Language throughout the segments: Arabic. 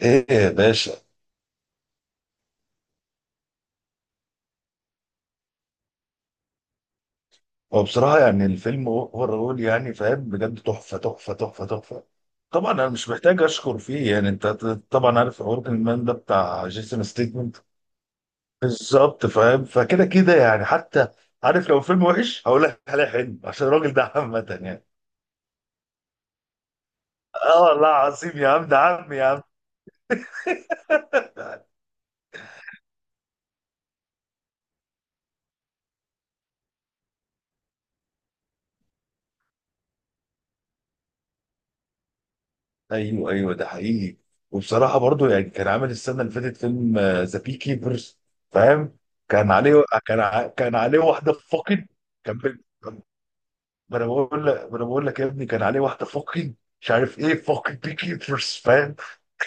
ايه يا باشا؟ هو بصراحة يعني الفيلم اوفرول يعني فاهم بجد تحفة تحفة تحفة تحفة. طبعا انا مش محتاج اشكر فيه يعني انت طبعا عارف وركينج مان ده بتاع جيسون ستيتمنت. بالظبط فاهم فكده كده يعني حتى عارف لو فيلم وحش هقول لك عليه حلو عشان الراجل ده عامة يعني. اه والله العظيم يا عم، ده عم يا عم. ايوه ايوه، ده حقيقي. وبصراحه برضو يعني كان عامل السنه اللي فاتت فيلم ذا بي كيبرز، فاهم. كان عليه واحده فقد. كان بال-. ما انا بقول لك يا ابني، كان عليه واحده فقد. مش عارف ايه فقد بي كيبرز، فاهم.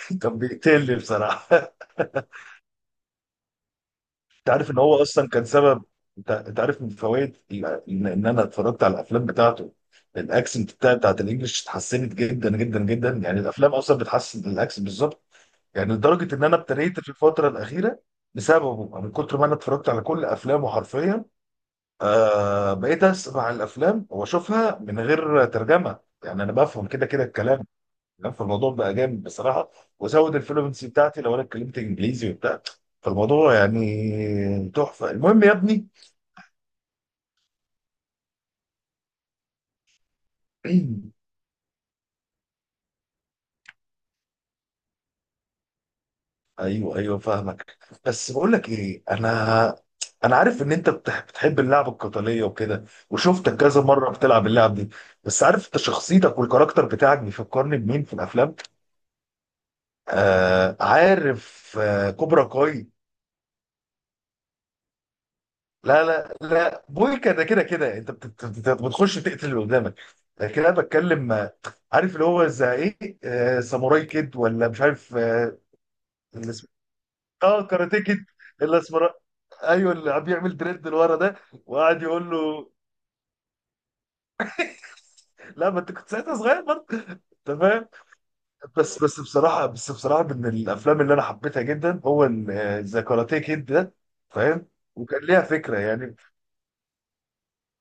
كان بيقتلني بصراحه. انت عارف ان هو اصلا كان سبب. انت عارف من فوائد ال- إن انا اتفرجت على الافلام بتاعته الاكسنت بتاعت الانجليش اتحسنت جدا جدا جدا، يعني الافلام اصلا بتحسن الاكسنت بالظبط. يعني لدرجه ان انا ابتديت في الفتره الاخيره بسببه من كتر ما انا اتفرجت على كل افلامه حرفيا. بقيت اسمع الافلام واشوفها من غير ترجمه، يعني انا بفهم كده كده الكلام. يعني فالموضوع بقى جامد بصراحه، وزود الفلوينسي بتاعتي لو انا اتكلمت انجليزي وبتاع. فالموضوع يعني تحفه. المهم يا ابني، ايوه ايوه فاهمك. بس بقول لك ايه، انا عارف ان انت بتحب اللعب القتاليه وكده، وشفتك كذا مره بتلعب اللعب دي. بس عارف انت شخصيتك والكاركتر بتاعك بيفكرني بمين في الافلام؟ عارف، كوبرا كاي. لا لا لا، بويكا ده كده كده انت بتخش تقتل اللي قدامك، لكن انا بتكلم عارف اللي هو زي ايه، ساموراي كيد ولا مش عارف اللي اسمه-، اه كاراتيه كيد. الاسمراني ايوه، اللي عم بيعمل دريد لورا ده، وقعد يقول له. لا، ما انت كنت ساعتها صغير برضه. انت فاهم. بس بصراحه من الافلام اللي انا حبيتها جدا هو ذا كاراتيه كيد ده، فاهم. وكان ليها فكره يعني.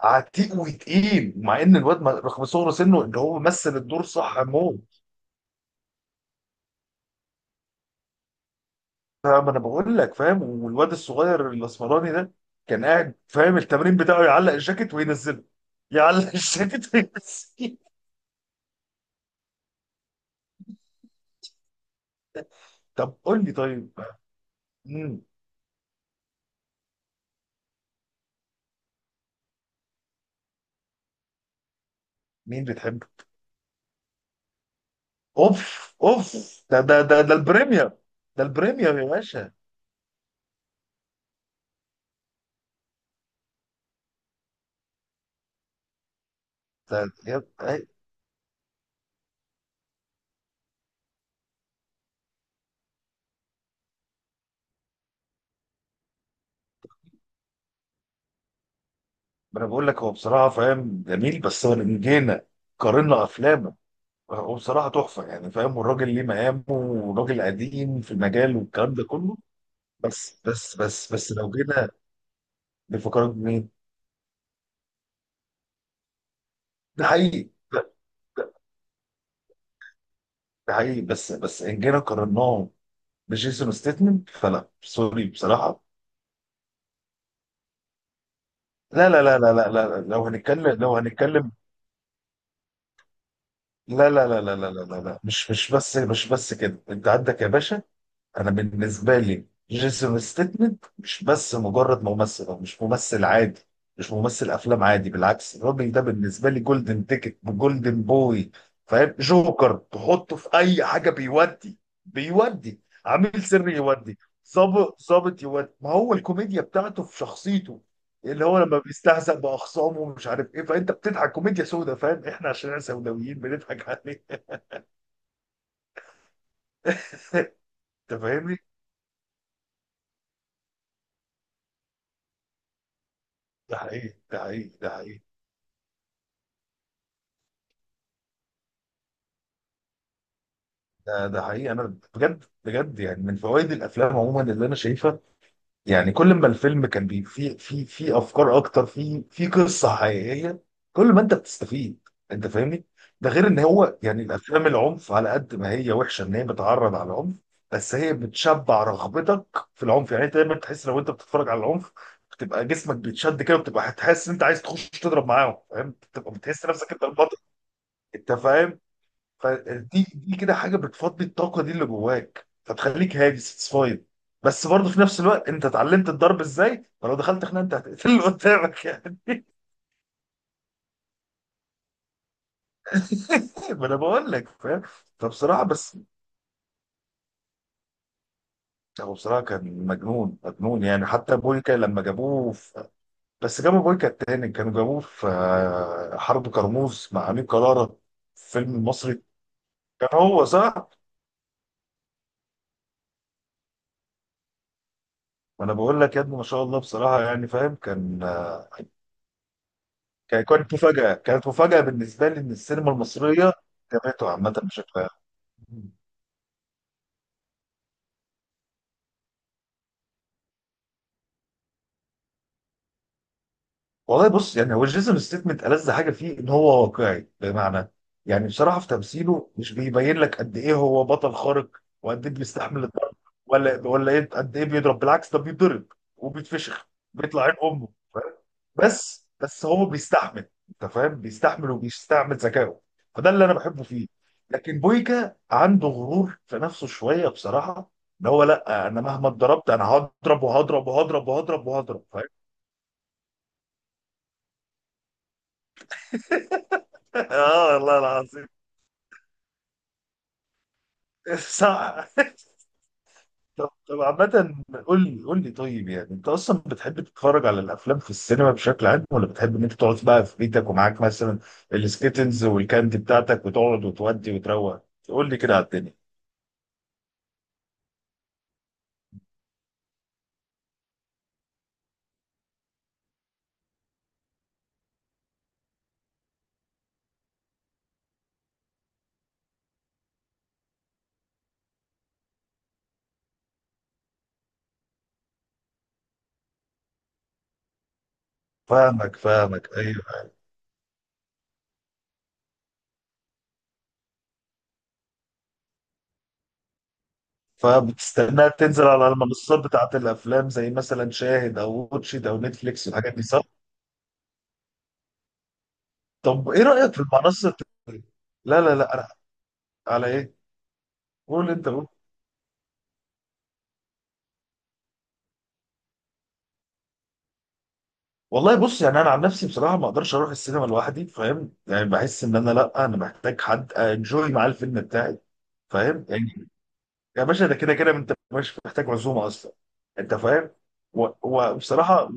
عتيق وتقيل، مع ان الواد ما-، رغم صغر سنه ان هو مثل الدور صح موت. فاهم انا بقول لك فاهم، والواد الصغير الاسمراني ده كان قاعد، فاهم، التمرين بتاعه يعلق الجاكيت وينزله، يعلق الجاكيت وينزله. طب قول لي طيب. مم. مين بتحب؟ اوف اوف، ده البريمير. ده البريمير يا باشا. ده يا- أي-، ما انا بقول لك، هو بصراحه فاهم جميل، بس هو لما جينا قارنا افلامه، هو بصراحه تحفه يعني فاهم، والراجل ليه مقامه وراجل قديم في المجال والكلام ده كله. بس لو جينا نفكرك بمين؟ ده حقيقي ده- ده حقيقي بس ان جينا قارناه بجيسون ستيتمنت، فلا، سوري بصراحه. لا لا لا لا لا لا، لو هنتكلم. لا لا لا لا لا لا لا لا. مش بس كده، انت عندك يا باشا، انا بالنسبه لي جيسون ستيتمنت مش بس مجرد ممثل، هو مش ممثل عادي، مش ممثل افلام عادي. بالعكس، الراجل ده بالنسبه لي جولدن تيكت، جولدن بوي، فاهم، جوكر تحطه في اي حاجه. بيودي بيودي عميل سري يودي، ظابط يودي. ما هو الكوميديا بتاعته في شخصيته، اللي هو لما بيستهزأ بأخصامه ومش عارف ايه، فانت بتضحك. كوميديا سودا، فاهم، احنا عشان احنا سوداويين بنضحك عليه. انت فاهمني؟ ده حقيقي، ده حقيقي، ده حقيقي. ده حقيقي، انا بجد بجد يعني من فوائد الافلام عموما اللي انا شايفها، يعني كل ما الفيلم كان بي في في في افكار اكتر، في قصه حقيقيه، كل ما انت بتستفيد. انت فاهمني. ده غير ان هو يعني الافلام العنف، على قد ما هي وحشه ان هي بتعرض على العنف، بس هي بتشبع رغبتك في العنف. يعني انت دايما تحس لو انت بتتفرج على العنف، بتبقى جسمك بيتشد كده، وبتبقى هتحس ان انت عايز تخش تضرب معاهم، فاهم، بتبقى بتحس نفسك انت البطل. انت فاهم، فدي كده حاجه بتفضي الطاقه دي اللي جواك، فتخليك هادي، ساتسفايد. بس برضه في نفس الوقت انت اتعلمت الضرب ازاي، فلو دخلت خناقه انت هتقتل اللي قدامك يعني. ما انا بقول لك فاهم. فبصراحه، بس هو بصراحه كان مجنون مجنون يعني. حتى بويكا لما جابوه في...، بس جابوا بويكا التاني كانوا جابوه في حرب كرموز مع امير كرارة في فيلم مصري. كان هو صح؟ ما انا بقول لك يا ابني، ما شاء الله بصراحه، يعني فاهم كان كانت مفاجأة، كانت مفاجأة بالنسبة لي إن السينما المصرية جابته عامة بشكل عام. والله بص، يعني هو جيسون ستيتمنت ألذ حاجة فيه إن هو واقعي. بمعنى يعني بصراحة في تمثيله مش بيبين لك قد إيه هو بطل خارق، وقد إيه بيستحمل الضرب، ولا إيه، قد إيه بيضرب. بالعكس، ده بيتضرب وبيتفشخ، بيطلع عين أمه. بس هو بيستحمل، انت فاهم، بيستحمل وبيستعمل ذكائه. فده اللي انا بحبه فيه. لكن بويكا عنده غرور في نفسه شويه بصراحه، ان هو لا، انا مهما اتضربت انا هضرب وهضرب وهضرب وهضرب وهضرب، فاهم. اه والله العظيم. صح. طب عامة، قول لي قول لي طيب، يعني انت اصلا بتحب تتفرج على الافلام في السينما بشكل عام، ولا بتحب ان انت تقعد بقى في بيتك ومعاك مثلا السكيتلز والكاندي بتاعتك، وتقعد وتودي وتروق؟ قول لي كده على الدنيا. فاهمك فاهمك، ايوه. فبتستناها تنزل على المنصات بتاعت الافلام زي مثلا شاهد او واتشيت او نتفليكس والحاجات دي، صح؟ طب ايه رايك في المنصه الت-، لا لا لا انا، على ايه؟ قول انت، قول. والله بص، يعني انا عن نفسي بصراحه ما اقدرش اروح السينما لوحدي، فاهم؟ يعني بحس ان انا، لا، انا محتاج حد انجوي معاه الفيلم بتاعي، فاهم؟ يعني يا باشا، ده كده كده انت مش محتاج عزومه اصلا، انت فاهم؟ و-، وبصراحه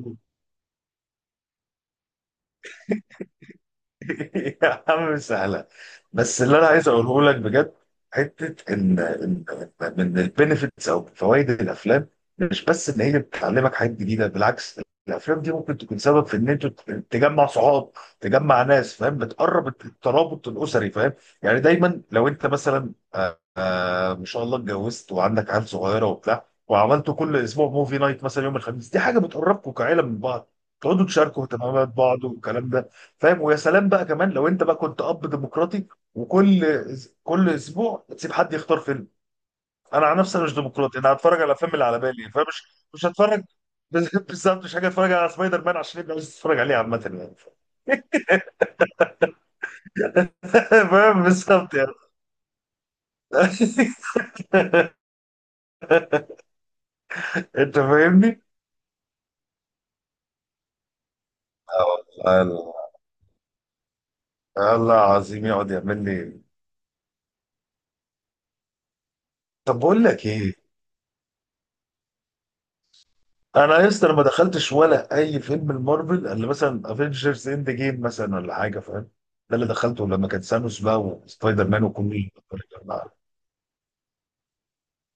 يا عم سهله. بس اللي انا عايز اقوله لك بجد، حته ان من البينيفيتس او فوائد الافلام، مش بس ان هي بتعلمك حاجات جديده. بالعكس، الافلام دي ممكن تكون سبب في ان انت تجمع صحاب، تجمع ناس، فاهم، بتقرب الترابط الاسري، فاهم. يعني دايما لو انت مثلا ما شاء الله اتجوزت وعندك عيال صغيره وبتاع، وعملتوا كل اسبوع موفي نايت مثلا يوم الخميس، دي حاجه بتقربكم كعيله من بعض، تقعدوا تشاركوا اهتمامات بعض والكلام ده، فاهم. ويا سلام بقى كمان لو انت بقى كنت اب ديمقراطي، وكل كل اسبوع تسيب حد يختار فيلم. انا عن نفسي أنا مش ديمقراطي، انا هتفرج على الافلام اللي على بالي، فمش مش هتفرج. بس-، بالظبط مش حاجه اتفرج على سبايدر مان عشان يبقى عايز اتفرج عليه عامه يعني. فاهم، بالظبط يعني. انت فاهمني؟ آه والله، الله. الله عظيم يقعد يعمل لي. طب بقول لك ايه، انا يا اسطى أنا ما دخلتش ولا اي فيلم المارفل، اللي مثلا افنجرز اند جيم مثلا ولا حاجه، فاهم. ده اللي دخلته لما كان ثانوس بقى، وسبايدر مان وكل.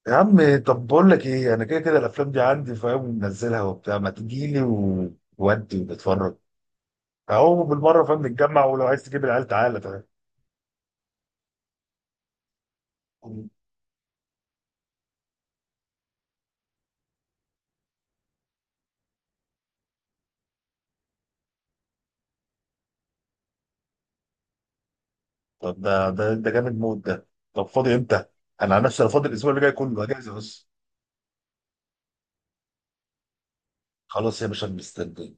يا عم طب بقول لك ايه، انا كده كده الافلام دي عندي، فاهم، منزلها وبتاع، ما تجي لي وودي ونتفرج، اهو بالمره، فاهم، نتجمع، ولو عايز تجيب العيال تعالى، فاهم. طب ده جامد موت ده. طب فاضي امتى؟ انا عن نفسي انا فاضي الاسبوع اللي جاي كله اجازه، بس. خلاص يا باشا، مستني.